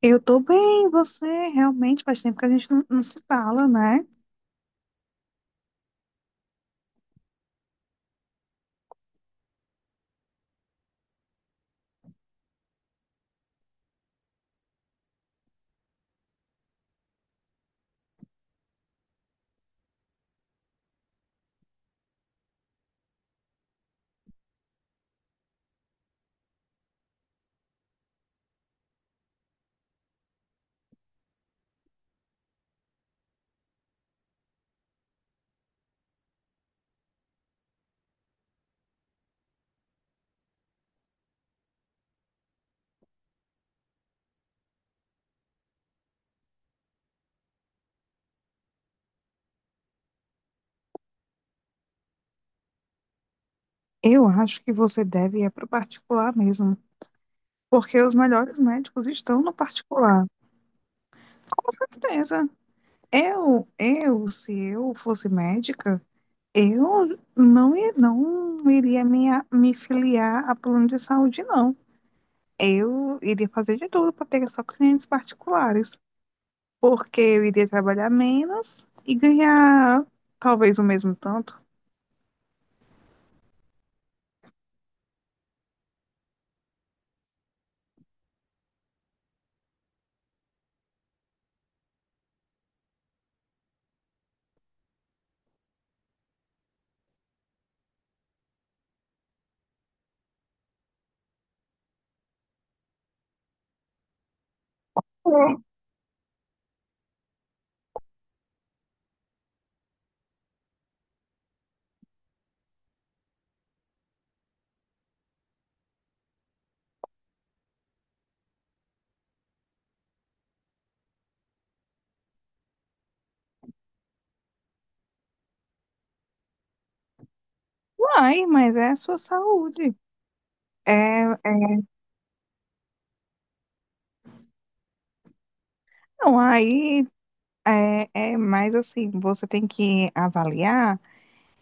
Eu tô bem, você realmente faz tempo que a gente não se fala, né? Eu acho que você deve ir para o particular mesmo, porque os melhores médicos estão no particular. Com certeza. Eu, se eu fosse médica, eu não iria me filiar a plano de saúde, não. Eu iria fazer de tudo para pegar só clientes particulares, porque eu iria trabalhar menos e ganhar talvez o mesmo tanto. Ai, mas é a sua saúde. É, é- não, aí é mais assim, você tem que avaliar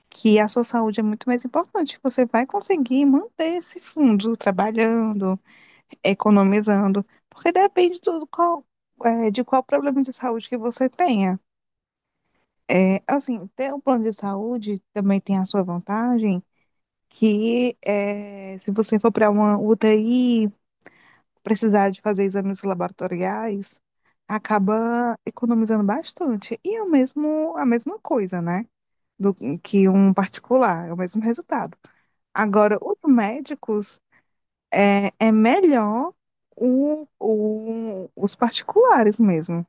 que a sua saúde é muito mais importante. Você vai conseguir manter esse fundo trabalhando, economizando, porque depende de qual problema de saúde que você tenha. É, assim, ter um plano de saúde também tem a sua vantagem, que é, se você for para uma UTI precisar de fazer exames laboratoriais, acaba economizando bastante. E é o mesmo, a mesma coisa, né? Do que um particular, é o mesmo resultado. Agora, os médicos, é melhor os particulares mesmo.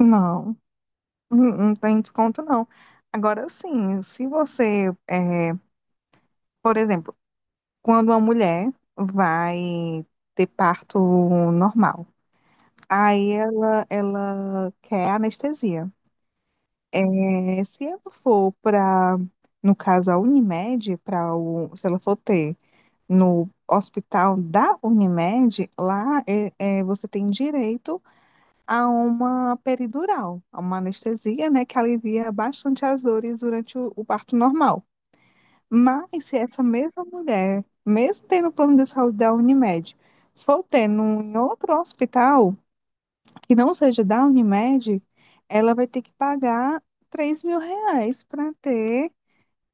Não, não tem desconto, não. Agora, sim, se você, por exemplo, quando uma mulher vai ter parto normal, aí ela quer anestesia. É, se ela for para, no caso, a Unimed, se ela for ter no hospital da Unimed, lá você tem direito a uma peridural, a uma anestesia, né, que alivia bastante as dores durante o parto normal. Mas se essa mesma mulher, mesmo tendo o plano de saúde da Unimed, for ter em outro hospital, que não seja da Unimed, ela vai ter que pagar R$ 3.000 para ter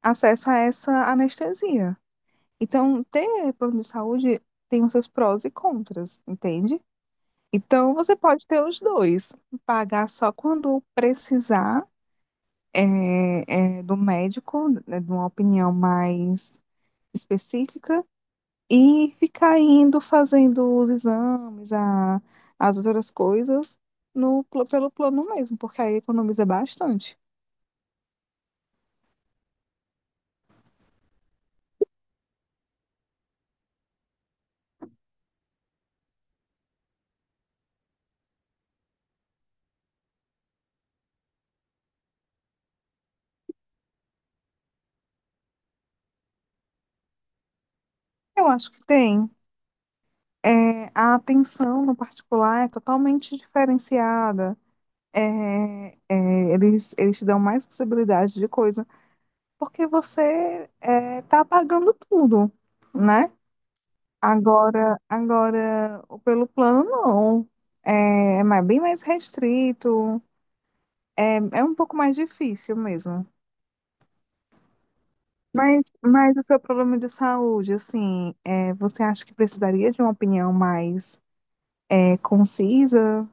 acesso a essa anestesia. Então, ter plano de saúde tem os seus prós e contras, entende? Então, você pode ter os dois, pagar só quando precisar do médico, né, de uma opinião mais específica, e ficar indo fazendo os exames, as outras coisas no, pl- pelo plano mesmo, porque aí economiza bastante. Eu acho que tem. É, a atenção no particular é totalmente diferenciada. Eles te dão mais possibilidade de coisa, porque você tá pagando tudo, né? Agora, o pelo plano, não. É, mas bem mais restrito. É um pouco mais difícil mesmo. Mas o seu problema de saúde, assim, você acha que precisaria de uma opinião mais concisa?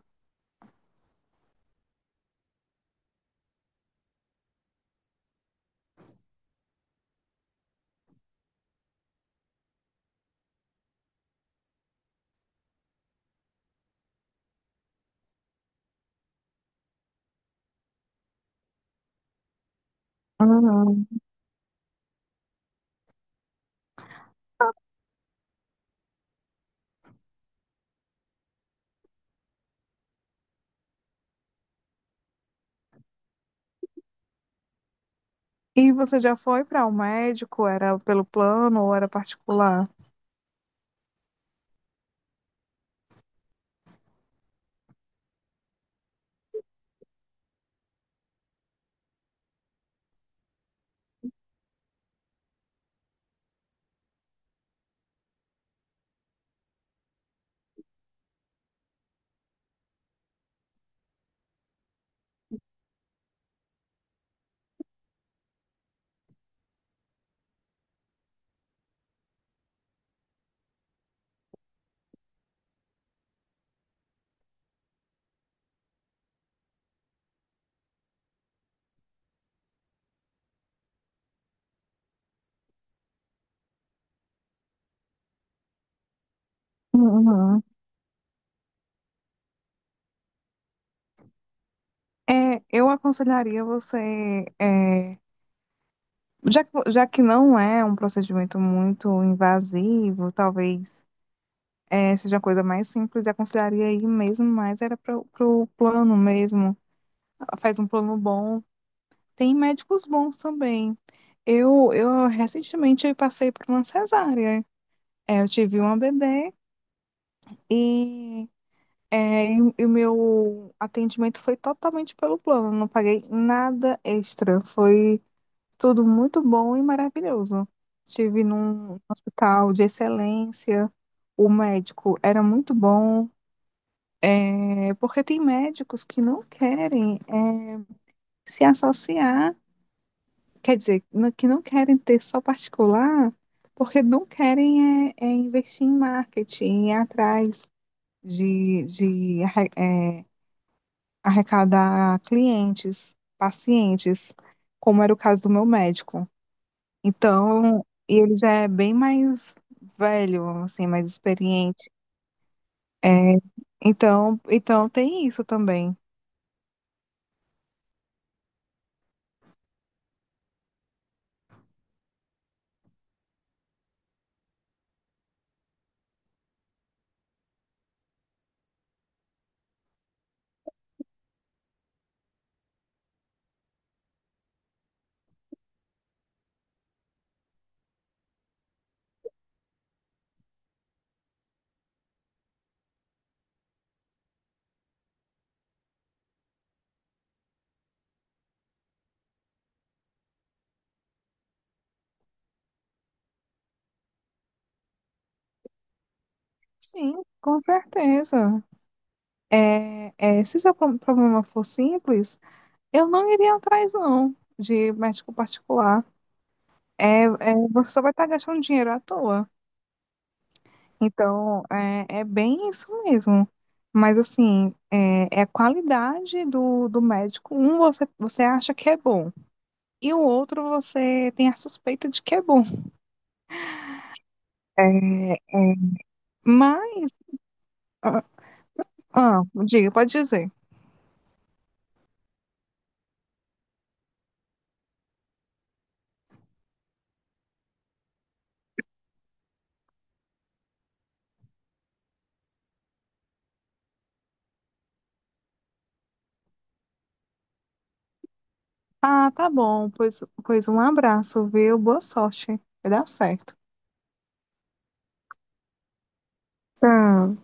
Uhum. E você já foi para o médico? Era pelo plano ou era particular? Uhum. É, eu aconselharia você, já que não é um procedimento muito invasivo, talvez seja uma coisa mais simples, eu aconselharia aí mesmo, mas era para o plano mesmo. Faz um plano bom. Tem médicos bons também. Eu recentemente eu passei por uma cesárea. É, eu tive uma bebê e, é, e o meu atendimento foi totalmente pelo plano. Não paguei nada extra. Foi tudo muito bom e maravilhoso. Tive num hospital de excelência. O médico era muito bom. É, porque tem médicos que não querem, se associar. Quer dizer, que não querem ter só particular, porque não querem é investir em marketing, ir atrás de arrecadar clientes, pacientes, como era o caso do meu médico. Então, e ele já é bem mais velho, assim, mais experiente. É, então tem isso também. Sim, com certeza. Se seu problema for simples, eu não iria atrás, não, de médico particular. Você só vai estar gastando dinheiro à toa. Então, é bem isso mesmo. Mas, assim, é a qualidade do médico. Um você acha que é bom, e o outro você tem a suspeita de que é bom. É. Mas, ah, ah, diga, pode dizer. Ah, tá bom, pois um abraço, viu? Boa sorte, vai dar certo. Tchau.